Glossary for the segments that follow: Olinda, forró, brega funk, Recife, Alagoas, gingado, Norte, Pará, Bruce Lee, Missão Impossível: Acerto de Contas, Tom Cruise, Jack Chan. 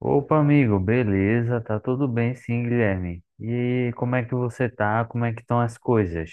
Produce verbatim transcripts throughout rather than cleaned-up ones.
Opa, amigo, beleza? Tá tudo bem, sim, Guilherme. E como é que você tá? Como é que estão as coisas?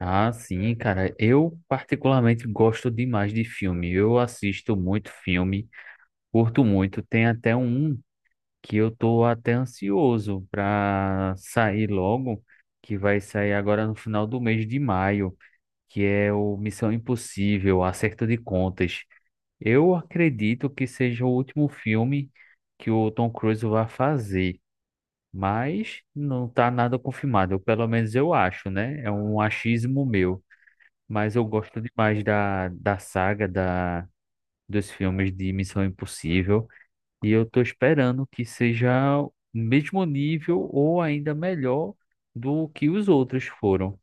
Ah, sim, cara. Eu particularmente gosto demais de filme. Eu assisto muito filme, curto muito. Tem até um que eu tô até ansioso pra sair logo, que vai sair agora no final do mês de maio, que é o Missão Impossível, Acerto de Contas. Eu acredito que seja o último filme que o Tom Cruise vai fazer, mas não está nada confirmado. Eu, pelo menos eu acho, né? É um achismo meu. Mas eu gosto demais da, da saga da, dos filmes de Missão Impossível. E eu tô esperando que seja o mesmo nível ou ainda melhor do que os outros foram.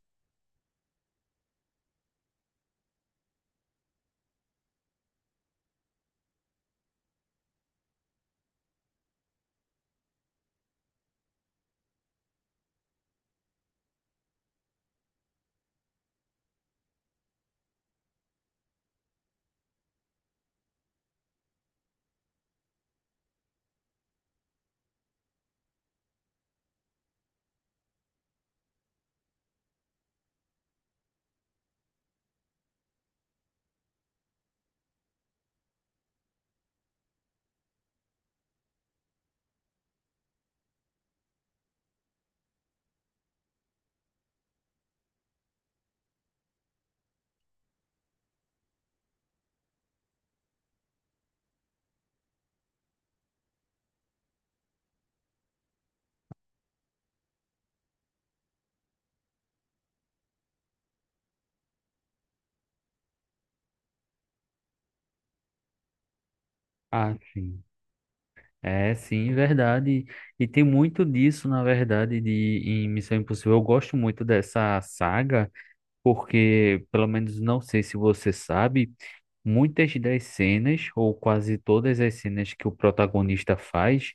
Ah, sim. É, sim, verdade. E tem muito disso, na verdade, de em Missão Impossível. Eu gosto muito dessa saga, porque, pelo menos, não sei se você sabe. Muitas das cenas, ou quase todas as cenas que o protagonista faz,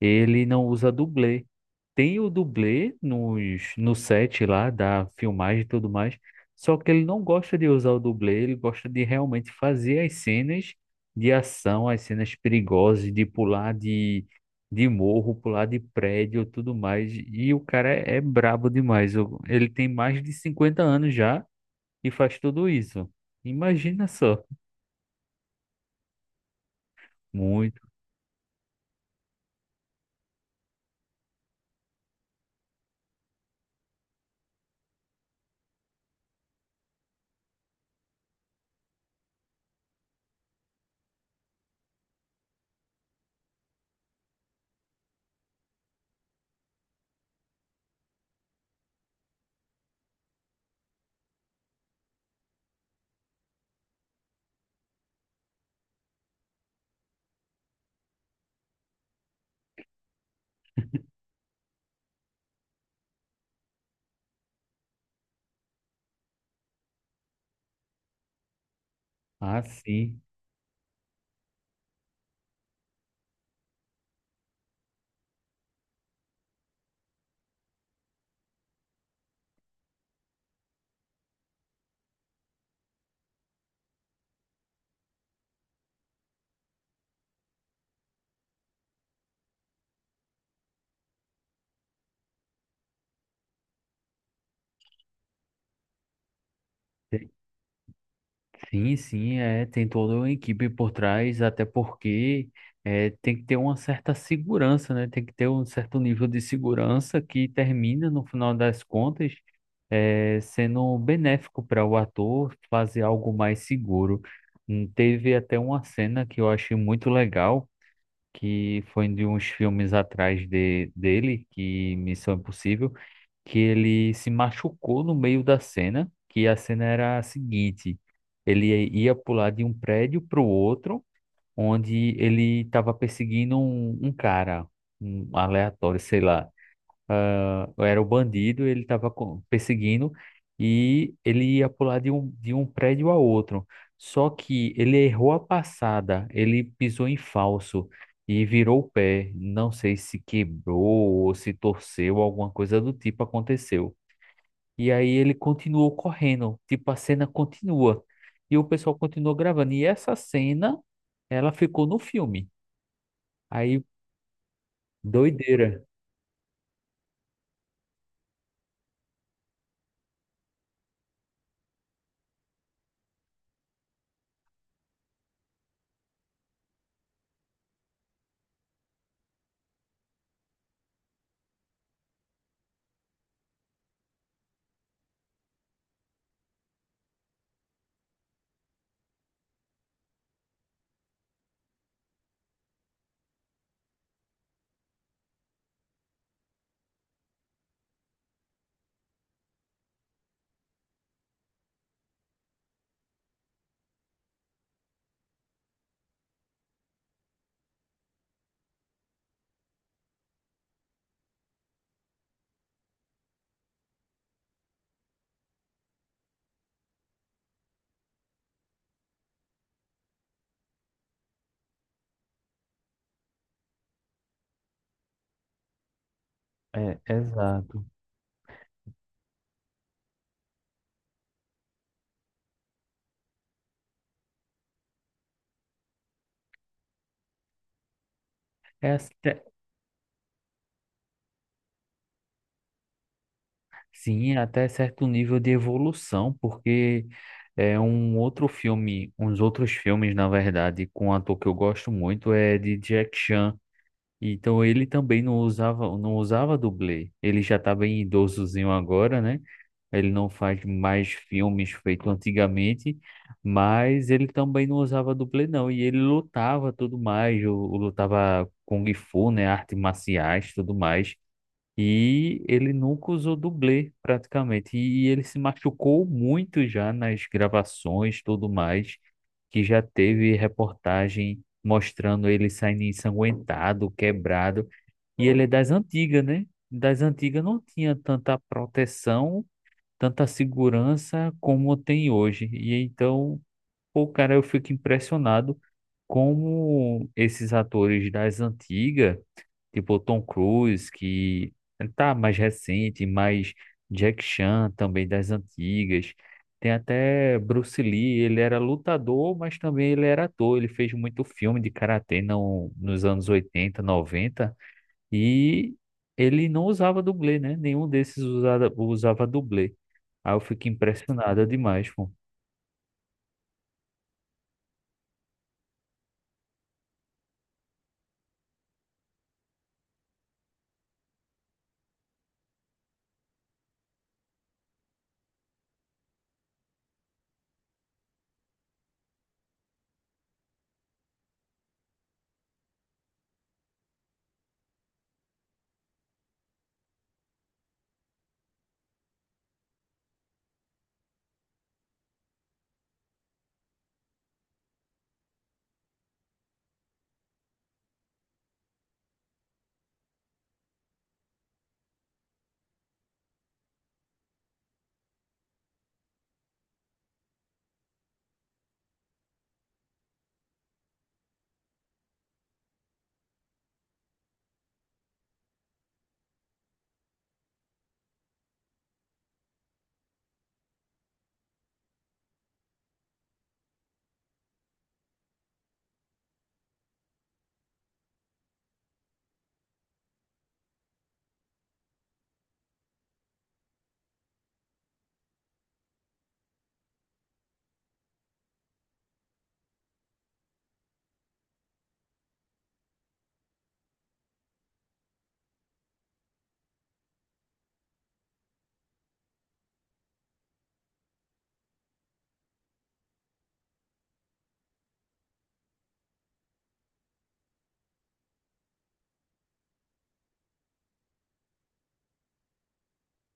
ele não usa dublê. Tem o dublê nos, no set lá da filmagem e tudo mais, só que ele não gosta de usar o dublê, ele gosta de realmente fazer as cenas de ação, as cenas perigosas, de pular de, de morro, pular de prédio, tudo mais. E o cara é, é brabo demais. O- Ele tem mais de cinquenta anos já e faz tudo isso. Imagina só. Muito. Ah, sim. Te- Sim, sim, é, tem toda uma equipe por trás, até porque é, tem que ter uma certa segurança, né? Tem que ter um certo nível de segurança que termina, no final das contas, é, sendo benéfico para o ator fazer algo mais seguro. Hum, Teve até uma cena que eu achei muito legal, que foi de uns filmes atrás de, dele, que Missão Impossível que ele se machucou no meio da cena, que a cena era a seguinte: ele ia pular de um prédio para o outro, onde ele estava perseguindo um, um cara, um aleatório, sei lá. Ah, era o bandido, ele estava perseguindo e ele ia pular de um, de um prédio a outro. Só que ele errou a passada, ele pisou em falso e virou o pé. Não sei se quebrou ou se torceu, alguma coisa do tipo aconteceu. E aí ele continuou correndo, tipo, a cena continua. E o pessoal continuou gravando. E essa cena, ela ficou no filme. Aí, doideira. É, exato. É, até- sim, é até certo nível de evolução, porque é um outro filme, uns outros filmes, na verdade, com um ator que eu gosto muito, é de Jack Chan. Então ele também não usava, não usava dublê. Ele já tá bem idosozinho agora, né? Ele não faz mais filmes feitos antigamente, mas ele também não usava dublê, não. E ele lutava tudo mais, o, o lutava Kung Fu, né? Artes marciais, tudo mais. E ele nunca usou dublê, praticamente. E e ele se machucou muito já nas gravações, tudo mais, que já teve reportagem mostrando ele saindo ensanguentado, quebrado. E ele é das antigas, né? Das antigas não tinha tanta proteção, tanta segurança como tem hoje. E então pô, cara, eu fico impressionado como esses atores das antigas, tipo Tom Cruise, que tá mais recente, mais Jack Chan também das antigas. Tem até Bruce Lee, ele era lutador, mas também ele era ator. Ele fez muito filme de karatê no, nos anos oitenta noventa e ele não usava dublê, né? Nenhum desses usava, usava dublê. Aí eu fico impressionado demais, pô.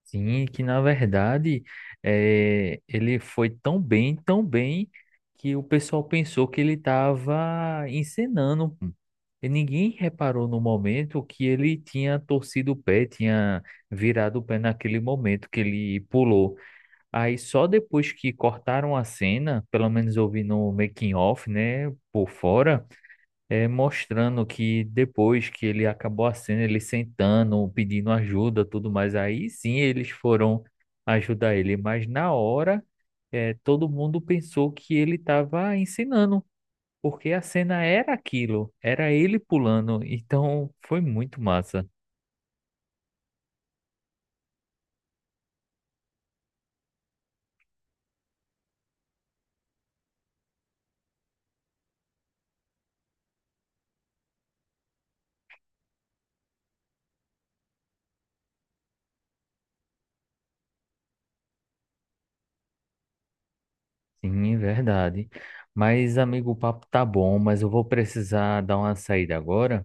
Sim, que na verdade eh, ele foi tão bem, tão bem, que o pessoal pensou que ele estava encenando, pô. E ninguém reparou no momento que ele tinha torcido o pé, tinha virado o pé naquele momento que ele pulou. Aí só depois que cortaram a cena, pelo menos eu vi no making of, né, por fora é, mostrando que depois que ele acabou a cena, ele sentando, pedindo ajuda, tudo mais, aí sim eles foram ajudar ele, mas na hora é, todo mundo pensou que ele estava ensinando, porque a cena era aquilo, era ele pulando, então foi muito massa. Sim, é verdade. Mas, amigo, o papo tá bom, mas eu vou precisar dar uma saída agora.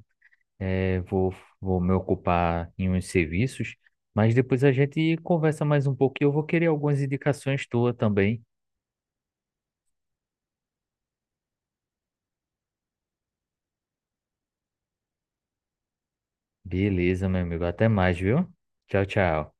É, vou, vou me ocupar em uns serviços, mas depois a gente conversa mais um pouco e eu vou querer algumas indicações tuas também. Beleza, meu amigo. Até mais, viu? Tchau, tchau.